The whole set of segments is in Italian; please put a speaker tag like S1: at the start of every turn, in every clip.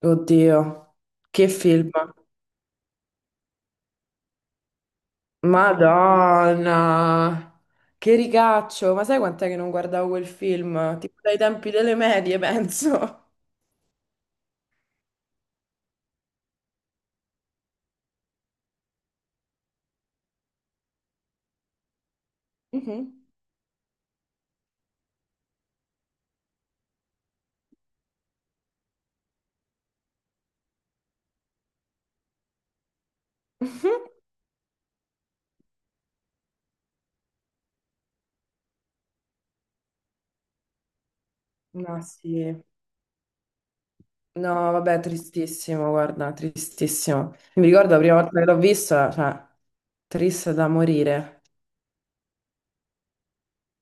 S1: Oddio, che film. Madonna, che ricaccio. Ma sai quant'è che non guardavo quel film? Tipo dai tempi delle medie, penso. Mhm. Mhm. Ma sì. No, vabbè, tristissimo, guarda, tristissimo. Mi ricordo la prima volta che l'ho vista, cioè, triste da morire.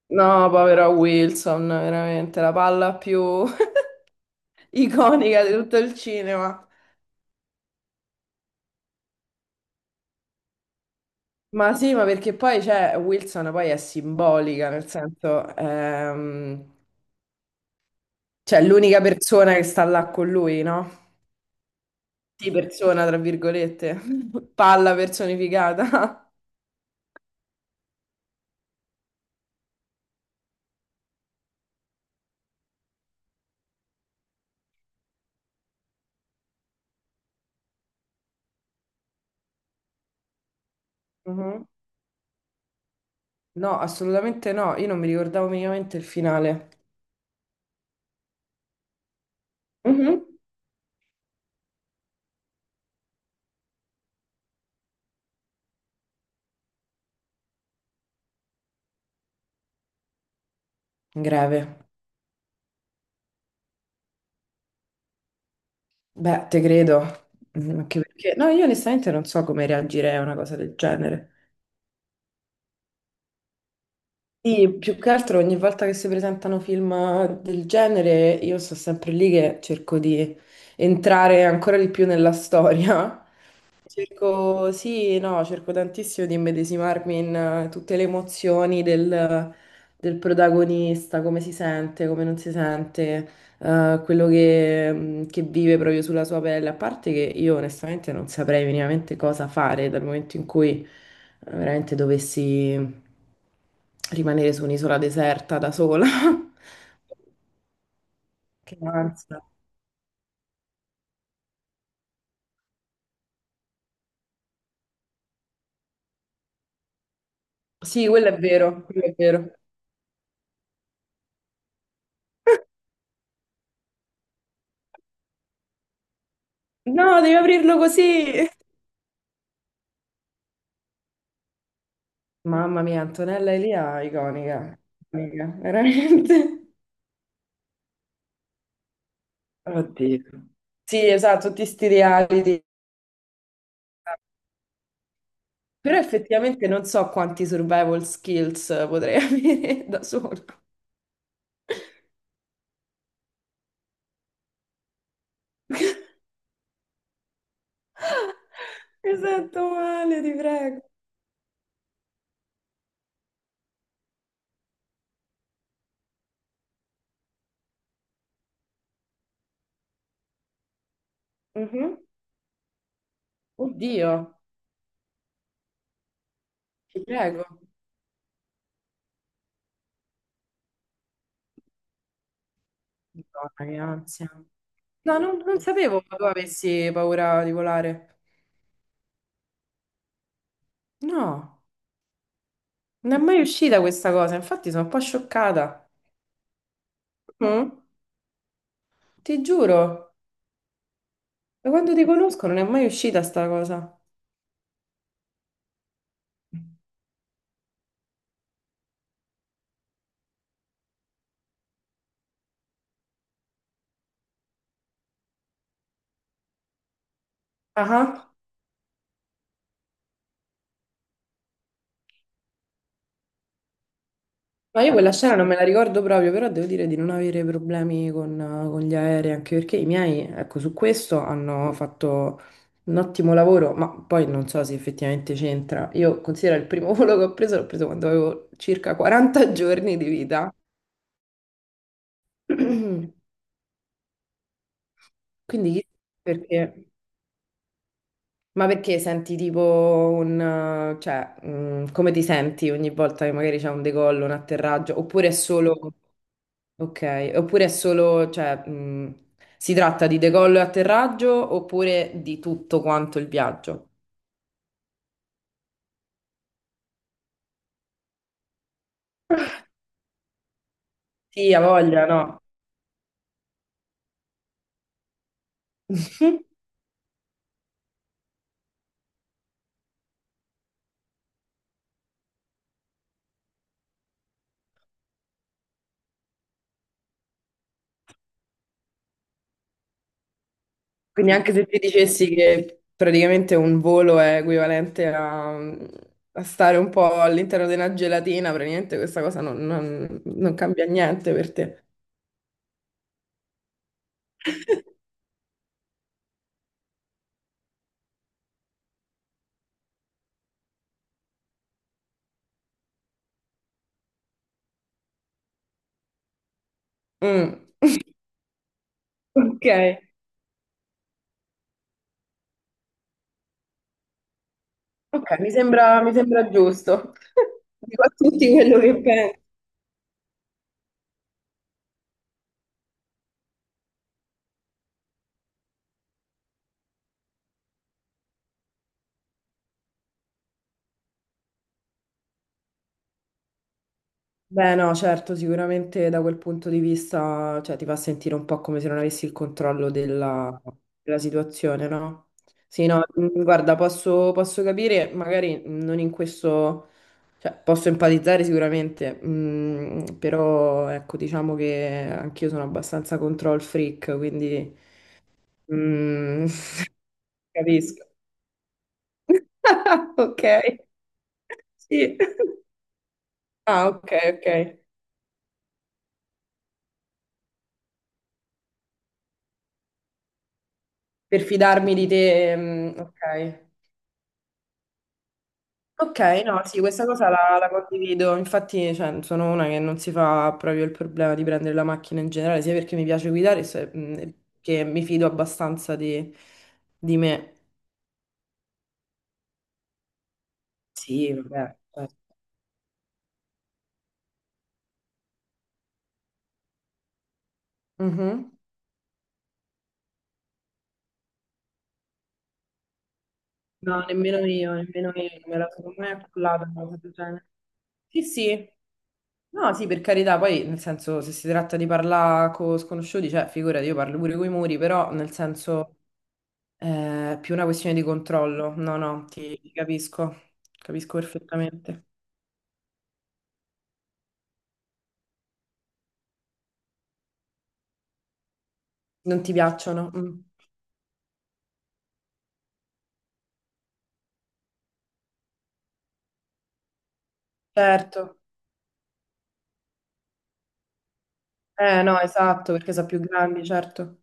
S1: No, povero Wilson, veramente, la palla più iconica di tutto il cinema. Ma sì, ma perché poi cioè, Wilson poi è simbolica, nel senso, cioè l'unica persona che sta là con lui, no? Sì, persona, tra virgolette, palla personificata. Mhm. No, assolutamente no, io non mi ricordavo minimamente il finale. Mhm. Greve. Beh, te credo. Mm, anche perché, no, io onestamente non so come reagirei a una cosa del genere. Sì, più che altro ogni volta che si presentano film del genere, io sto sempre lì che cerco di entrare ancora di più nella storia. Cerco, sì, no, cerco tantissimo di immedesimarmi in tutte le emozioni del, del protagonista, come si sente, come non si sente, quello che vive proprio sulla sua pelle. A parte che io onestamente non saprei minimamente cosa fare dal momento in cui veramente dovessi rimanere su un'isola deserta da sola. Che ansia. Sì, quello è vero, quello è vero. No, devi aprirlo così. Mamma mia, Antonella Elia, iconica, iconica, veramente. Oddio. Sì, esatto, tutti sti reality. Però effettivamente non so quanti survival skills potrei avere da solo. Mi sento male, ti prego. Mhm. Oddio, ti prego. Madonna, che ansia. No, non sapevo che tu avessi paura di volare. No, non è mai uscita questa cosa, infatti sono un po' scioccata. Mm, ti giuro. Da quando ti conosco non è mai uscita sta cosa. Ah, ah. Ma io quella scena non me la ricordo proprio, però devo dire di non avere problemi con gli aerei, anche perché i miei, ecco, su questo hanno fatto un ottimo lavoro, ma poi non so se effettivamente c'entra. Io considero il primo volo che ho preso, l'ho preso quando avevo circa 40 giorni di vita. Quindi chissà perché? Ma perché senti tipo un... cioè, come ti senti ogni volta che magari c'è un decollo, un atterraggio, oppure è solo... Ok, oppure è solo, cioè, si tratta di decollo e atterraggio oppure di tutto quanto il viaggio? Sì, ha voglia, no? Quindi anche se ti dicessi che praticamente un volo è equivalente a, a stare un po' all'interno di una gelatina, praticamente questa cosa non cambia niente per te. Mm. Ok, ok, mi sembra giusto. Dico a tutti quello che penso. Beh, no, certo, sicuramente da quel punto di vista, cioè, ti fa sentire un po' come se non avessi il controllo della situazione, no? Sì, no, guarda, posso, posso capire, magari non in questo, cioè, posso empatizzare sicuramente, però ecco, diciamo che anch'io sono abbastanza control freak, quindi mm, capisco. Ok, sì. Ah, ok, ok. Per fidarmi di te. Ok. Ok, no, sì, questa cosa la condivido. Infatti, cioè, sono una che non si fa proprio il problema di prendere la macchina in generale, sia perché mi piace guidare, sia perché mi fido abbastanza di me. Sì, vabbè. Certo. Mhm. No, nemmeno io, non me la sono mai accollata una cosa del genere. Sì, sì. No, sì, per carità, poi nel senso se si tratta di parlare con sconosciuti, cioè figurati, io parlo pure coi muri, però nel senso è più una questione di controllo. No, no, ti capisco, capisco perfettamente. Non ti piacciono? Mm. Certo. No, esatto, perché sono più grandi, certo.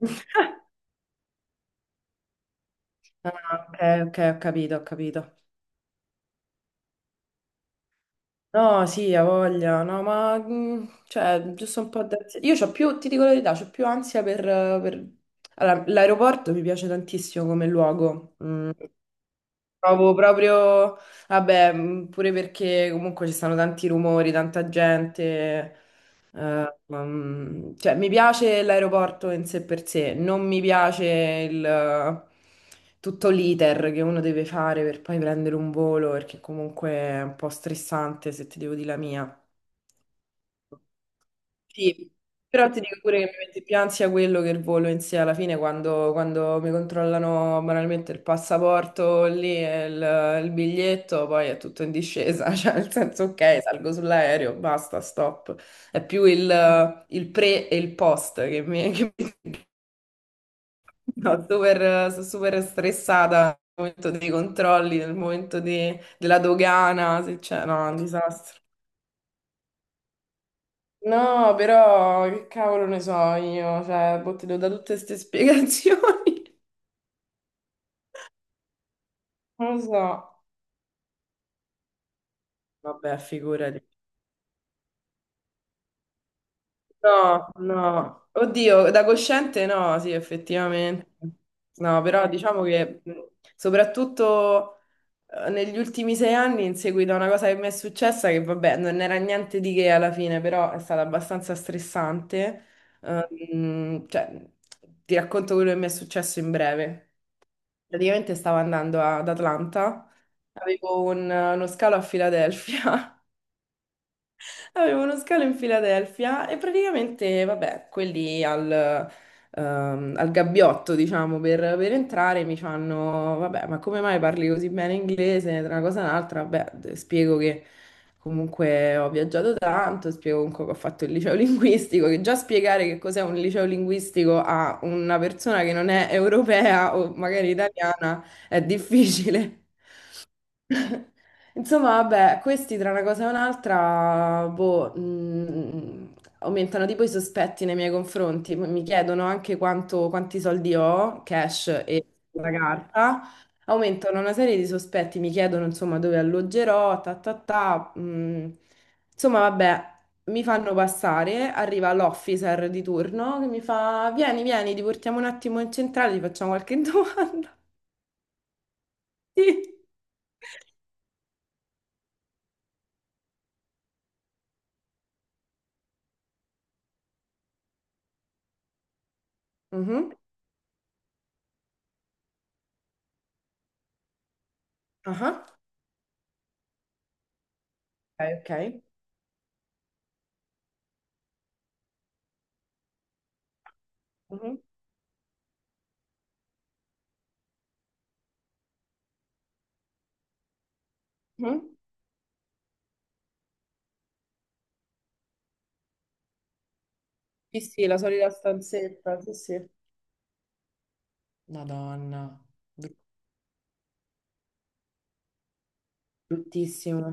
S1: Ah, ok, ok, ho capito, ho capito. No, sì, ha voglia, no, ma cioè, giusto un po' d'ansia. Io c'ho più, ti dico la verità, c'ho più ansia per- Allora, l'aeroporto mi piace tantissimo come luogo. Mm. Trovo proprio, vabbè, pure perché comunque ci stanno tanti rumori, tanta gente. Cioè, mi piace l'aeroporto in sé per sé, non mi piace tutto l'iter che uno deve fare per poi prendere un volo, perché comunque è un po' stressante se ti devo dire la mia. Sì, però ti dico pure che mi mette più ansia quello che il volo in sé alla fine quando, quando mi controllano banalmente il passaporto lì e il biglietto, poi è tutto in discesa, cioè nel senso ok, salgo sull'aereo, basta, stop. È più il pre e il post che mi... Che mi- no, super, sono super stressata nel momento dei controlli, nel momento della dogana, se c'è, no, è un disastro. No, però che cavolo ne so io, cioè, boh, ti do da tutte queste spiegazioni. Non lo so. Vabbè, figurati. No, no. Oddio, da cosciente no, sì, effettivamente. No, però diciamo che soprattutto negli ultimi 6 anni, in seguito a una cosa che mi è successa, che vabbè, non era niente di che alla fine, però è stata abbastanza stressante. Cioè, ti racconto quello che mi è successo in breve. Praticamente stavo andando ad Atlanta, avevo uno scalo a Filadelfia. Avevo uno scalo in Filadelfia e praticamente, vabbè, quelli al, al gabbiotto, diciamo, per entrare mi fanno, vabbè, ma come mai parli così bene inglese? Tra una cosa e un'altra, vabbè, spiego che comunque ho viaggiato tanto, spiego comunque che ho fatto il liceo linguistico, che già spiegare che cos'è un liceo linguistico a una persona che non è europea o magari italiana è difficile. Insomma, vabbè, questi tra una cosa e un'altra, boh, aumentano tipo i sospetti nei miei confronti. Mi chiedono anche quanti soldi ho, cash e la carta. Aumentano una serie di sospetti, mi chiedono insomma dove alloggerò, ta ta ta. Insomma, vabbè, mi fanno passare, arriva l'officer di turno che mi fa, vieni, vieni, ti portiamo un attimo in centrale, ti facciamo qualche domanda. Sì. Mhm. Ah, ok, ok. Mhm, mhm. Sì, sì, la solita stanzetta, sì, sì. Madonna, bru- bruttissimo,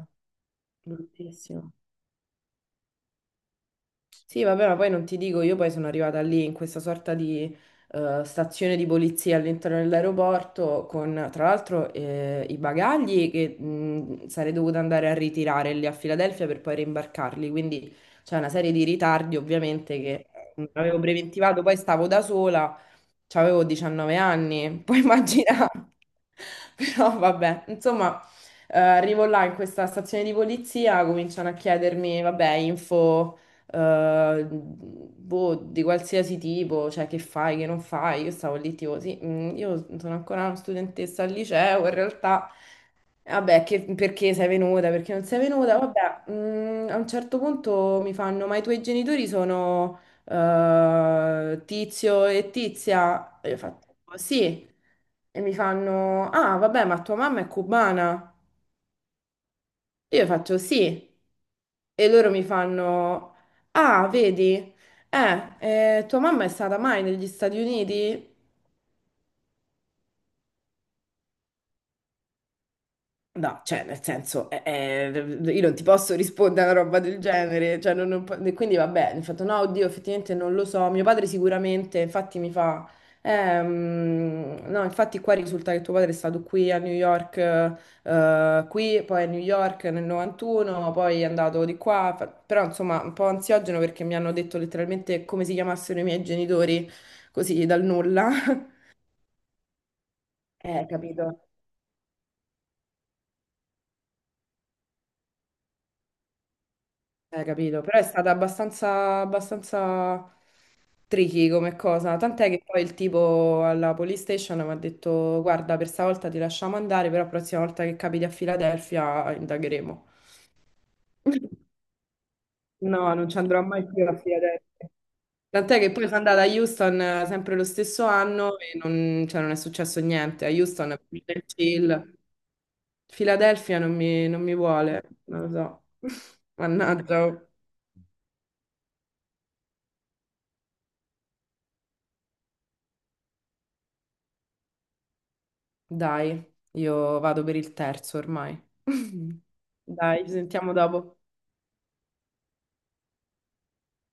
S1: bruttissimo. Sì, vabbè, ma poi non ti dico, io poi sono arrivata lì in questa sorta di stazione di polizia all'interno dell'aeroporto con, tra l'altro, i bagagli che sarei dovuta andare a ritirare lì a Filadelfia per poi rimbarcarli, quindi c'è una serie di ritardi ovviamente che non avevo preventivato, poi stavo da sola, avevo 19 anni, puoi immaginare, però vabbè, insomma... Arrivo là in questa stazione di polizia, cominciano a chiedermi, vabbè, info boh, di qualsiasi tipo, cioè che fai, che non fai. Io stavo lì tipo, sì, io sono ancora una studentessa al liceo, in realtà, vabbè, perché sei venuta, perché non sei venuta, vabbè, a un certo punto mi fanno, ma i tuoi genitori sono Tizio e Tizia? E io ho fatto, sì. E mi fanno, ah, vabbè, ma tua mamma è cubana? Io faccio sì. E loro mi fanno, ah, vedi, eh, tua mamma è stata mai negli Stati Uniti? No, cioè, nel senso, io non ti posso rispondere a una roba del genere, cioè, non- non po- e quindi vabbè, mi fatto no, oddio, effettivamente non lo so, mio padre sicuramente, infatti mi fa, no, infatti qua risulta che tuo padre è stato qui a New York, qui, poi a New York nel 91, poi è andato di qua, però insomma un po' ansiogeno perché mi hanno detto letteralmente come si chiamassero i miei genitori, così dal nulla. Capito, capito, però è stata abbastanza, abbastanza. Tricky come cosa, tant'è che poi il tipo alla police station mi ha detto guarda, per stavolta ti lasciamo andare, però la prossima volta che capiti a Filadelfia indagheremo. No, non ci andrò mai più a Filadelfia. Tant'è che poi sono andata a Houston sempre lo stesso anno e non, cioè, non è successo niente. A Houston è più del chill. Filadelfia non mi vuole, non lo so. Mannaggia. Dai, io vado per il terzo ormai. Dai, ci sentiamo dopo.